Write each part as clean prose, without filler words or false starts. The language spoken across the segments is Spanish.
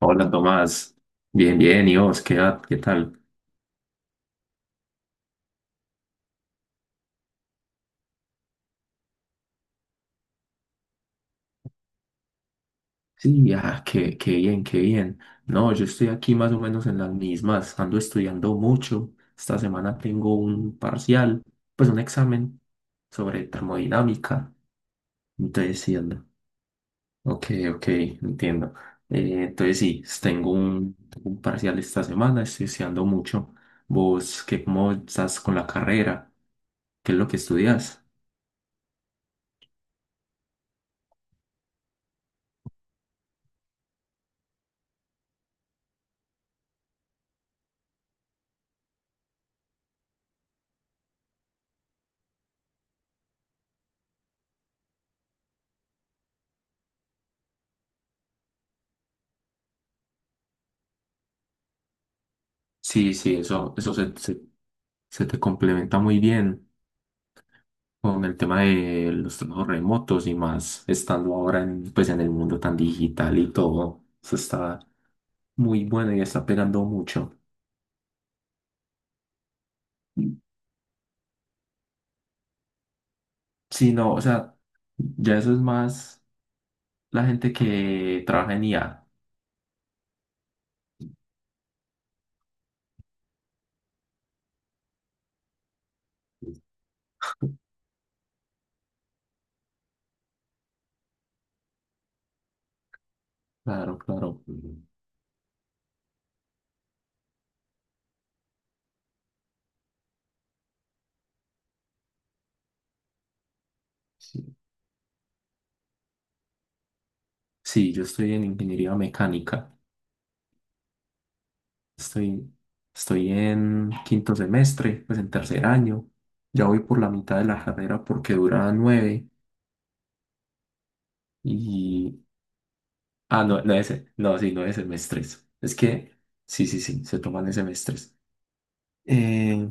Hola Tomás, bien, bien, ¿y vos? ¿Qué tal? Sí, ah, qué bien, qué bien. No, yo estoy aquí más o menos en las mismas, ando estudiando mucho. Esta semana tengo un parcial, pues un examen sobre termodinámica. Entonces, sí, ando. Ok, ok, entiendo. Entonces, sí, tengo un parcial esta semana, estoy estudiando mucho. ¿Vos cómo estás con la carrera? ¿Qué es lo que estudias? Sí, sí, eso se te complementa muy bien con el tema de los trabajos remotos y más estando ahora en, pues, en el mundo tan digital y todo. Eso está muy bueno y está pegando mucho. Sí, no, o sea, ya eso es más la gente que trabaja en IA. Claro, claro. Sí, sí, yo estoy en ingeniería mecánica. Estoy, estoy en quinto semestre, pues en tercer año. Ya voy por la mitad de la carrera porque dura nueve. Y ah, no, no es, no, sí, 9 semestres. Es que, sí, sí, sí, se toman en semestres. Eh,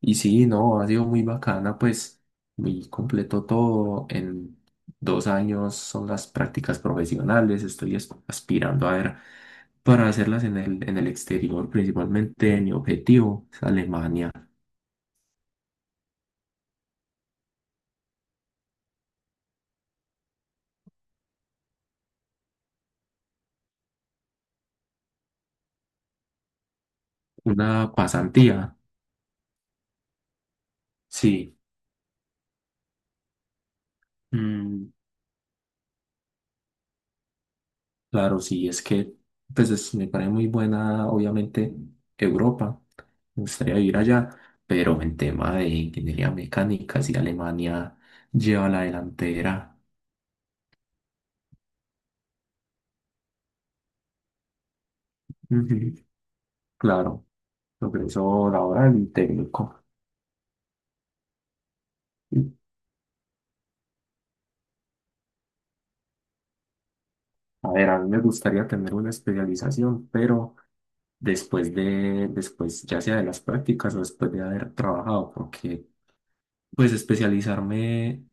y sí, no, ha sido muy bacana, pues, muy completo todo. En 2 años son las prácticas profesionales. Estoy aspirando a ver para hacerlas en el exterior, principalmente mi objetivo es Alemania. Una pasantía, sí. Mm, claro, sí, es que pues me parece muy buena, obviamente, Europa. Me gustaría vivir allá, pero en tema de ingeniería mecánica, si Alemania lleva la delantera. Ujú. Claro, progreso laboral y técnico. A ver, a mí me gustaría tener una especialización, pero después de, después ya sea de las prácticas o después de haber trabajado, porque pues especializarme.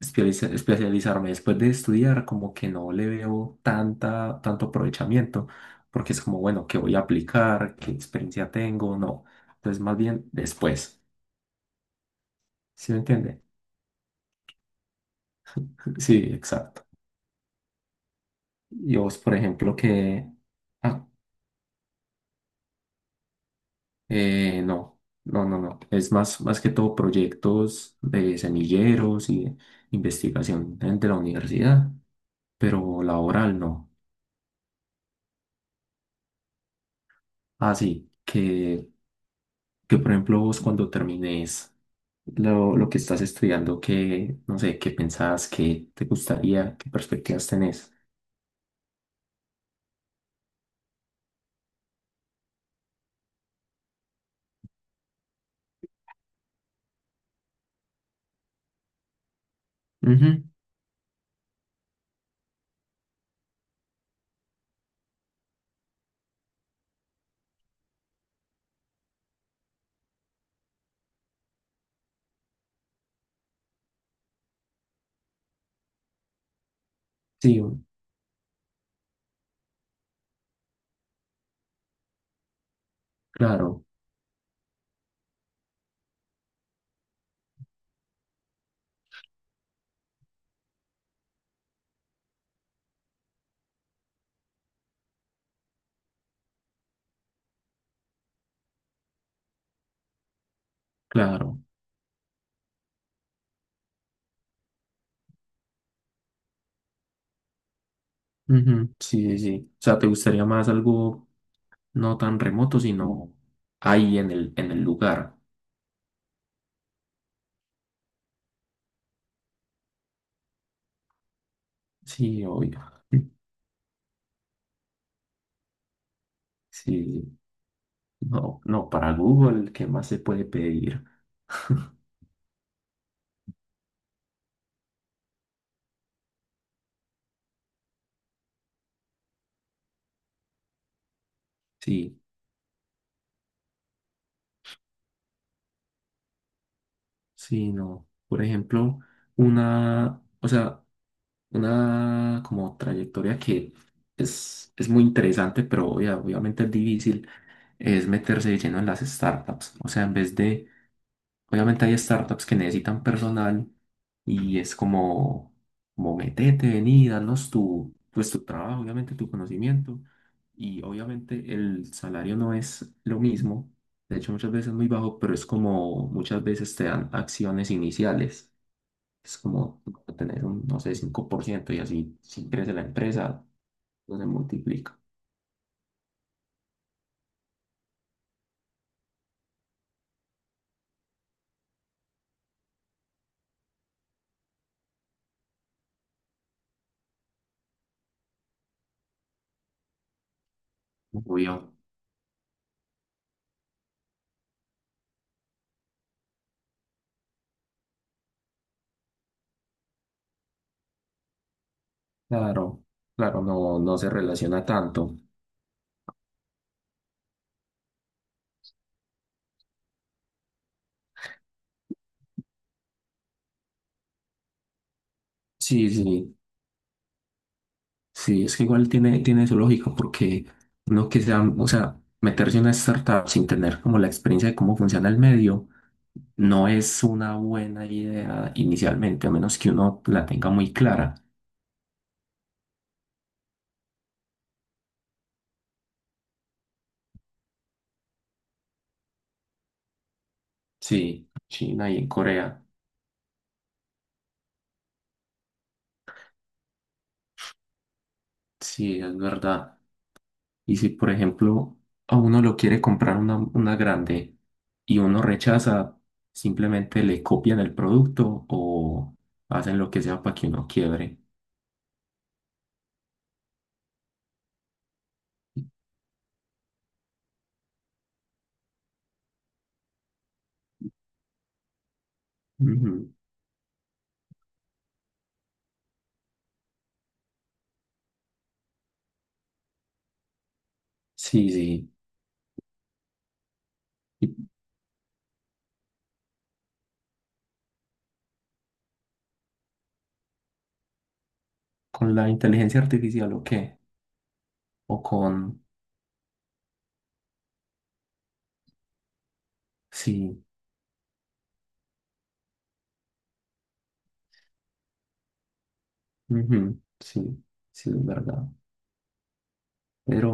Especializarme después de estudiar, como que no le veo tanta, tanto aprovechamiento, porque es como, bueno, ¿qué voy a aplicar? ¿Qué experiencia tengo? No. Entonces, más bien después. ¿Sí me entiende? Sí, exacto. Y vos, por ejemplo, que... Ah, no, no, no, no. Es más, más que todo proyectos de semilleros y investigación de la universidad, pero laboral no. Ah, sí, que por ejemplo vos cuando termines lo que estás estudiando, qué, no sé, qué pensás, qué te gustaría, qué perspectivas tenés. Ujú, sí, claro, claro. Ujú, sí, sí, sí. O sea, ¿te gustaría más algo no tan remoto, sino ahí en el lugar? Sí, obvio. Sí, no, no, para Google, ¿qué más se puede pedir? Sí. Sí, no. Por ejemplo, una, o sea, una como trayectoria que es muy interesante, pero obviamente es difícil, es meterse de lleno en las startups. O sea, en vez de obviamente hay startups que necesitan personal y es como metete, vení, danos tu, pues tu trabajo, obviamente tu conocimiento y obviamente el salario no es lo mismo, de hecho muchas veces es muy bajo, pero es como muchas veces te dan acciones iniciales, es como tener un, no sé, 5% y así si crece la empresa, no se multiplica. Obvio. Claro, claro, no, no se relaciona tanto. Sí, sí. Sí, es que igual tiene su lógica, porque uno que sea, o sea, meterse en una startup sin tener como la experiencia de cómo funciona el medio, no es una buena idea inicialmente, a menos que uno la tenga muy clara. Sí, China y en Corea, sí, es verdad. Y si, por ejemplo, a uno lo quiere comprar una grande y uno rechaza, simplemente le copian el producto o hacen lo que sea para que uno quiebre. Ujú. Sí, sí. ¿Y con la inteligencia artificial o qué? O con... Sí, ujú, sí, sí, es verdad. Pero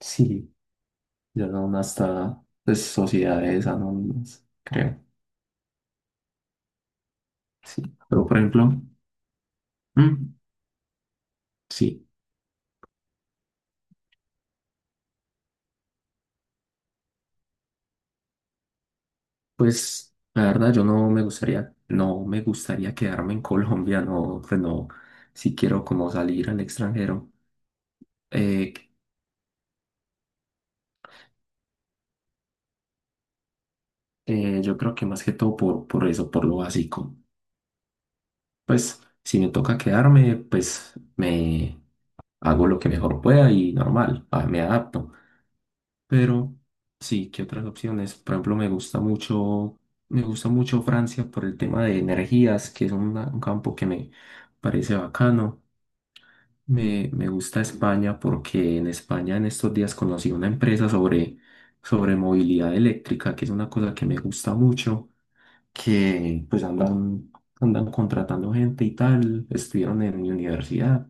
sí, ya son hasta pues, sociedades anónimas, creo. Sí. Pero por ejemplo, mm, sí, pues la verdad yo no me gustaría, quedarme en Colombia, no, pues no, si quiero como salir al extranjero. Eh, yo creo que más que todo por eso, por lo básico. Pues si me toca quedarme, pues me hago lo que mejor pueda y normal, ah, me adapto. Pero sí, ¿qué otras opciones? Por ejemplo, me gusta mucho Francia por el tema de energías, que es un campo que me parece bacano. Me gusta España porque en España en estos días conocí una empresa sobre movilidad eléctrica, que es una cosa que me gusta mucho que pues andan contratando gente y tal, estuvieron en mi universidad,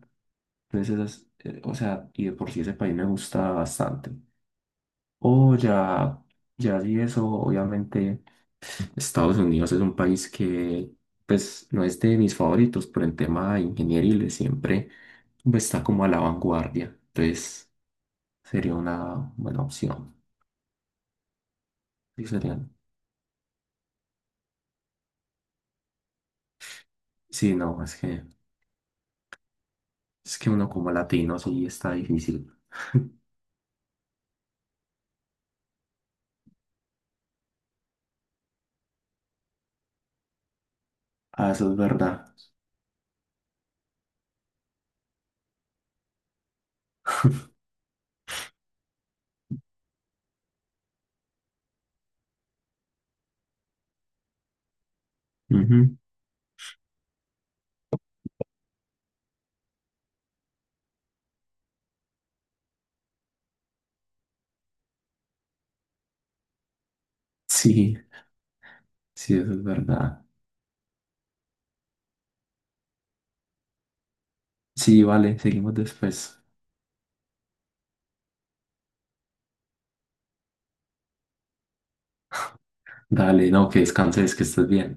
entonces esas, o sea, y de por sí ese país me gusta bastante. O ya, ya sí eso, obviamente Estados Unidos es un país que pues no es de mis favoritos, pero en tema de ingeniería siempre pues, está como a la vanguardia, entonces sería una buena opción. Sí, serían. Sí, no, es que, uno como latino sí está difícil. Ah, eso es verdad. Ujú. Sí, sí, eso es verdad. Sí, vale, seguimos después. Dale, no, que descanses, que estés bien.